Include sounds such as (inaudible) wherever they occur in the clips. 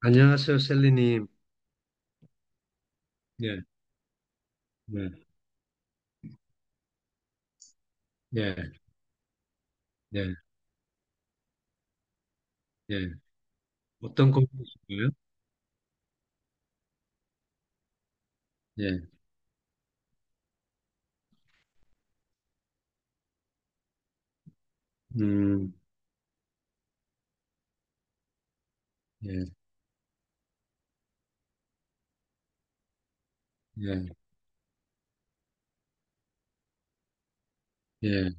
안녕하세요, 셀리님. 예, 네, 예, 예, 예. 어떤 고민이신가요? 예, 음, 예, 예, 예,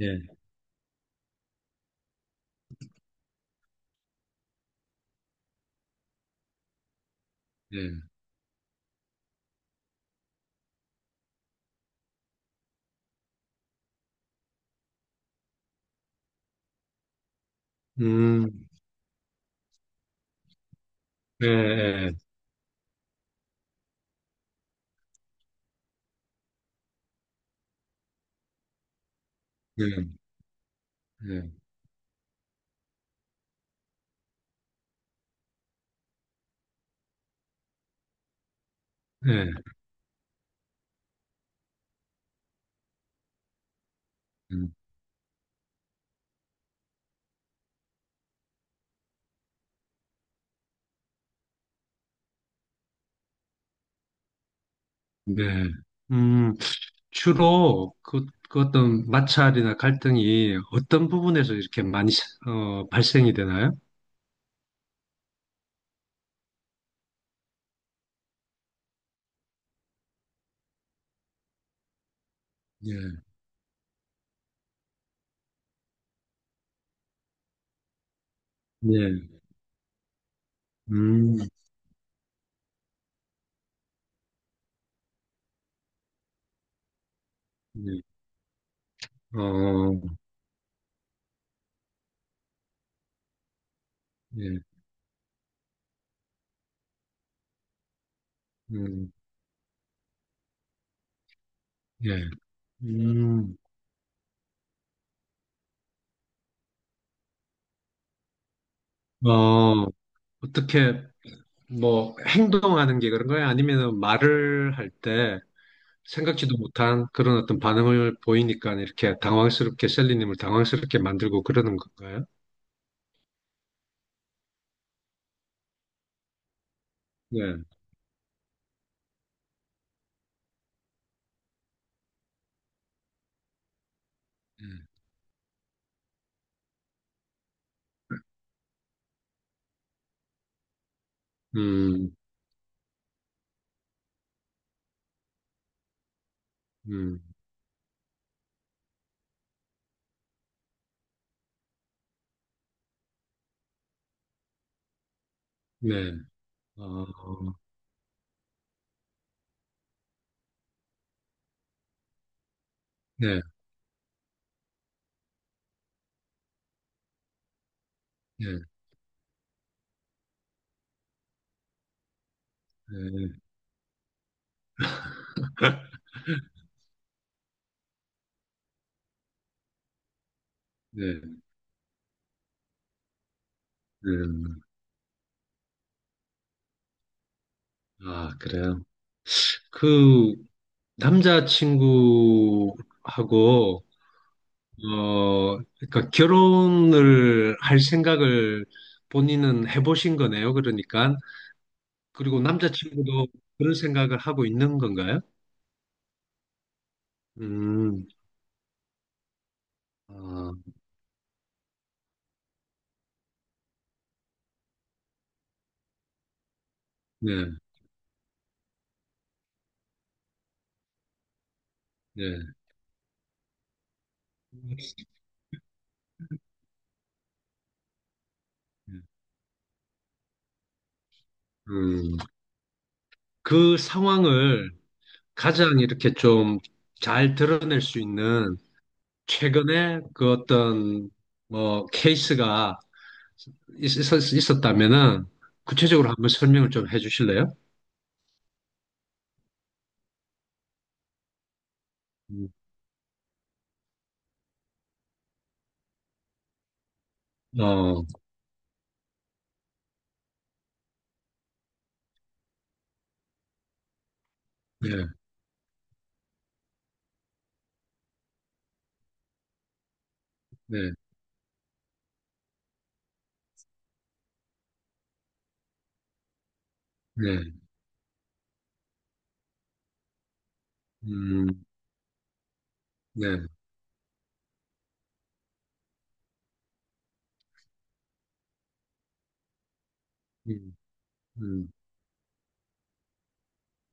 예, 예, 음, 예, 예, 예, 예, 예, 음, 네. 음, 주로 그 어떤 마찰이나 갈등이 어떤 부분에서 이렇게 많이 발생이 되나요? 예, 예, 음, 예, 어, 예, 음, 예, 음. 어, 어떻게 뭐 행동하는 게 그런 거야? 아니면 말을 할 때 생각지도 못한 그런 어떤 반응을 보이니까 이렇게 당황스럽게 셀리님을 당황스럽게 만들고 그러는 건가요? 네. 음, 음, 네. 어, 네, 네, 네, 네. 네. 음. 아, 그래요. 그 남자친구하고 어, 그러니까 결혼을 할 생각을 본인은 해보신 거네요. 그러니까. 그리고 남자친구도 그런 생각을 하고 있는 건가요? 음, 아, 네, 네. 음, 그 상황을 가장 이렇게 좀 잘 드러낼 수 있는 최근에 그 어떤 뭐 케이스가 있었다면은 구체적으로 한번 설명을 좀 해주실래요? 음, 어, 네, 네. 네, 음, 네, 음, 음,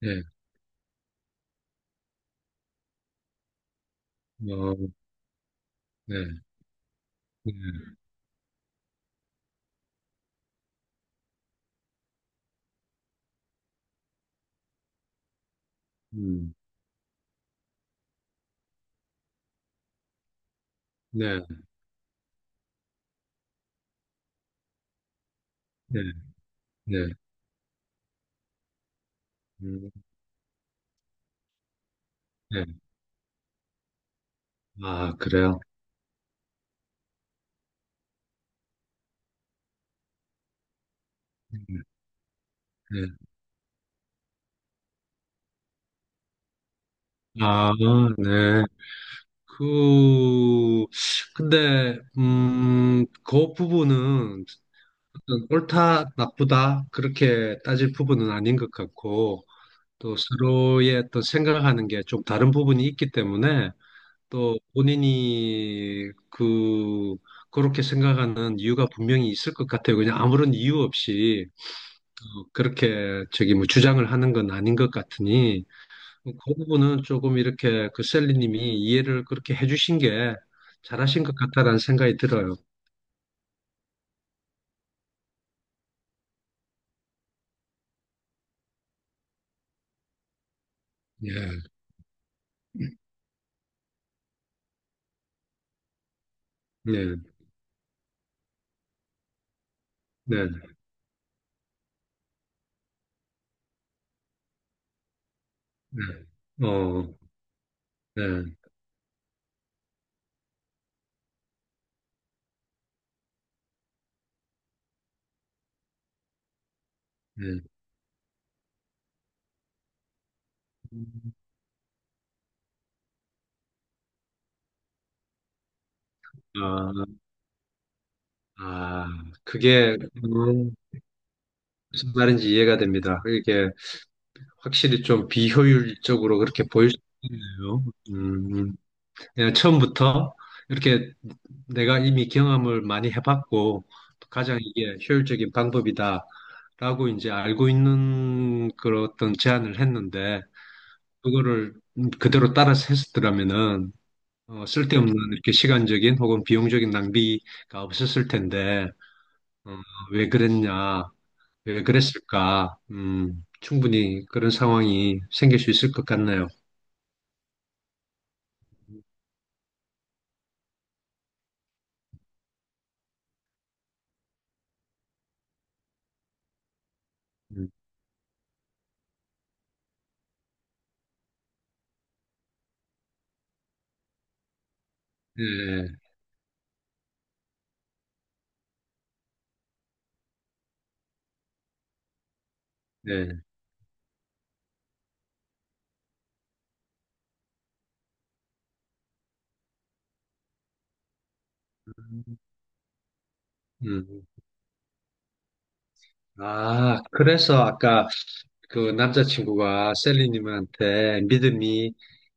네, 어, 네, 네, 음, 네, 네, 네, 음, 네, 아, 그래요. 네, 네. 아, 네. 그, 근데, 그 부분은 옳다, 나쁘다, 그렇게 따질 부분은 아닌 것 같고, 또 서로의 또 생각하는 게 좀 다른 부분이 있기 때문에, 또 본인이 그렇게 생각하는 이유가 분명히 있을 것 같아요. 그냥 아무런 이유 없이 어, 그렇게 저기 뭐 주장을 하는 건 아닌 것 같으니 어, 그 부분은 조금 이렇게 그 셀리님이 이해를 그렇게 해주신 게 잘하신 것 같다라는 생각이 들어요. 예, 네, 네, 네, 어, 네, 네. 아, 아, 그게 음, 무슨 말인지 이해가 됩니다. 이게 확실히 좀 비효율적으로 그렇게 보일 수 있네요. 음, 음. 그냥 처음부터 이렇게 내가 이미 경험을 많이 해봤고 가장 이게 효율적인 방법이다라고 이제 알고 있는 그런 어떤 제안을 했는데 그거를 그대로 따라서 했었더라면은 어, 쓸데없는 이렇게 시간적인 혹은 비용적인 낭비가 없었을 텐데 어, 왜 그랬냐 왜 그랬을까? 충분히 그런 상황이 생길 수 있을 것 같네요. 음, 네, 네. 음. 아, 그래서 아까 그 남자친구가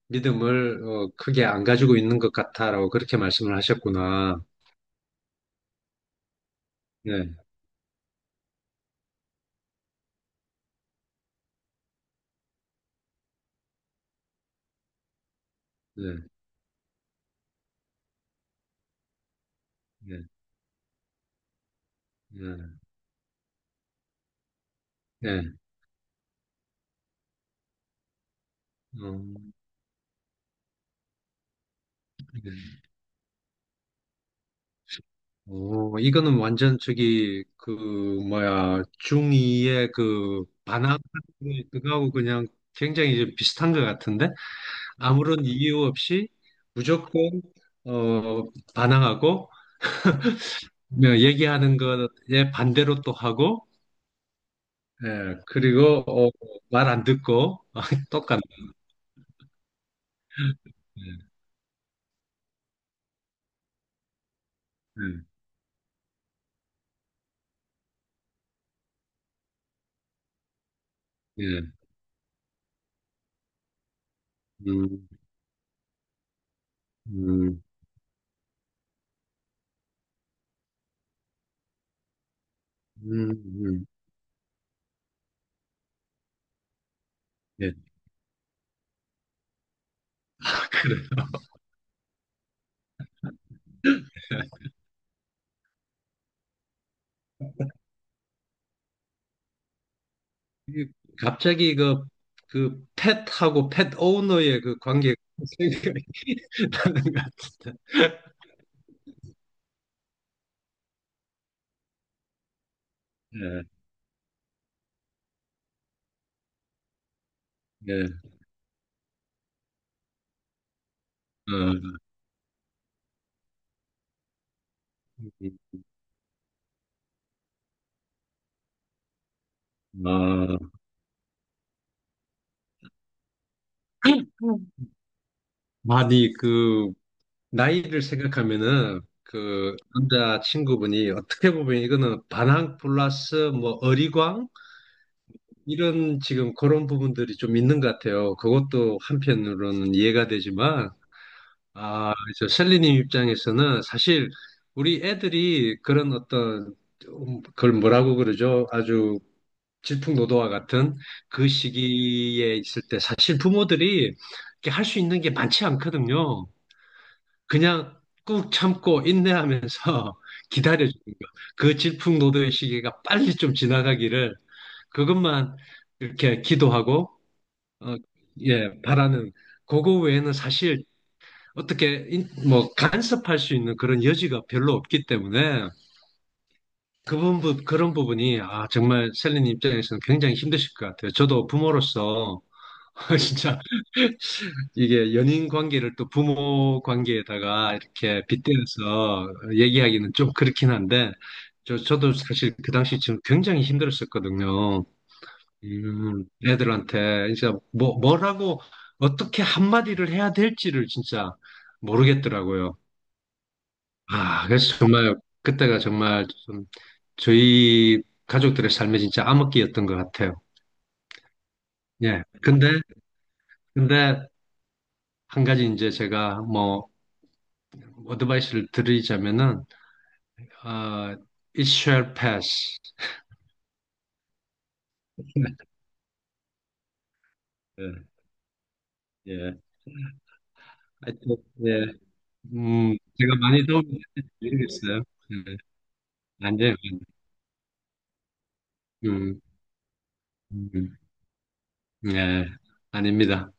믿음을 어, 크게 안 가지고 있는 것 같아라고 그렇게 말씀을 하셨구나. 네, 네, 네, 네, 네. 음, 네. 어, 이거는 완전 저기 그 뭐야 중이의 그 반항 그거하고 그냥 굉장히 좀 비슷한 것 같은데 아무런 이유 없이 무조건 어 반항하고 뭐 얘기하는 것에 반대로 또 하고 예 그리고 어, 말안 듣고 (laughs) 똑같네 예, 예. 음, 음, 음, 음, 예. (laughs) 아, 그래 그 갑자기 그 펫하고 펫 오너의 그 관계가 (laughs) 생각이 나는 것 같은데. 예, 예, 어, 어. 아니, 그, 나이를 생각하면은, 그, 남자 친구분이 어떻게 보면 이거는 반항 플러스 뭐 어리광? 이런 지금 그런 부분들이 좀 있는 것 같아요. 그것도 한편으로는 이해가 되지만, 아, 저 셀리님 입장에서는 사실 우리 애들이 그런 어떤 그걸 뭐라고 그러죠? 아주 질풍노도와 같은 그 시기에 있을 때 사실 부모들이 할 수 있는 게 많지 않거든요. 그냥 꾹 참고 인내하면서 (laughs) 기다려주는 거. 그 질풍노도의 시기가 빨리 좀 지나가기를 그것만 이렇게 기도하고 어, 예, 바라는 그거 외에는 사실 어떻게 뭐 간섭할 수 있는 그런 여지가 별로 없기 때문에 그 부분 그런 부분이 아 정말 셀린 입장에서는 굉장히 힘드실 것 같아요. 저도 부모로서 (laughs) 진짜 이게 연인 관계를 또 부모 관계에다가 이렇게 빗대어서 얘기하기는 좀 그렇긴 한데 저도 사실 그 당시 지금 굉장히 힘들었었거든요. 애들한테 진짜 뭐라고 어떻게 한마디를 해야 될지를 진짜 모르겠더라고요. 아, 그래서 정말 그때가 정말 좀 저희 가족들의 삶에 진짜 암흑기였던 것 같아요. 예. 근데 한 가지 이제 제가 뭐 어드바이스를 드리자면은 어, it shall pass. (laughs) 예. 예. 하여튼 예. 제가 많이 도움이 됐는지 모르겠어요. 예. 안 돼요. 음, 음, 음. 예. 아닙니다.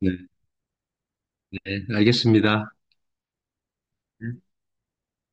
네, 네. 알겠습니다.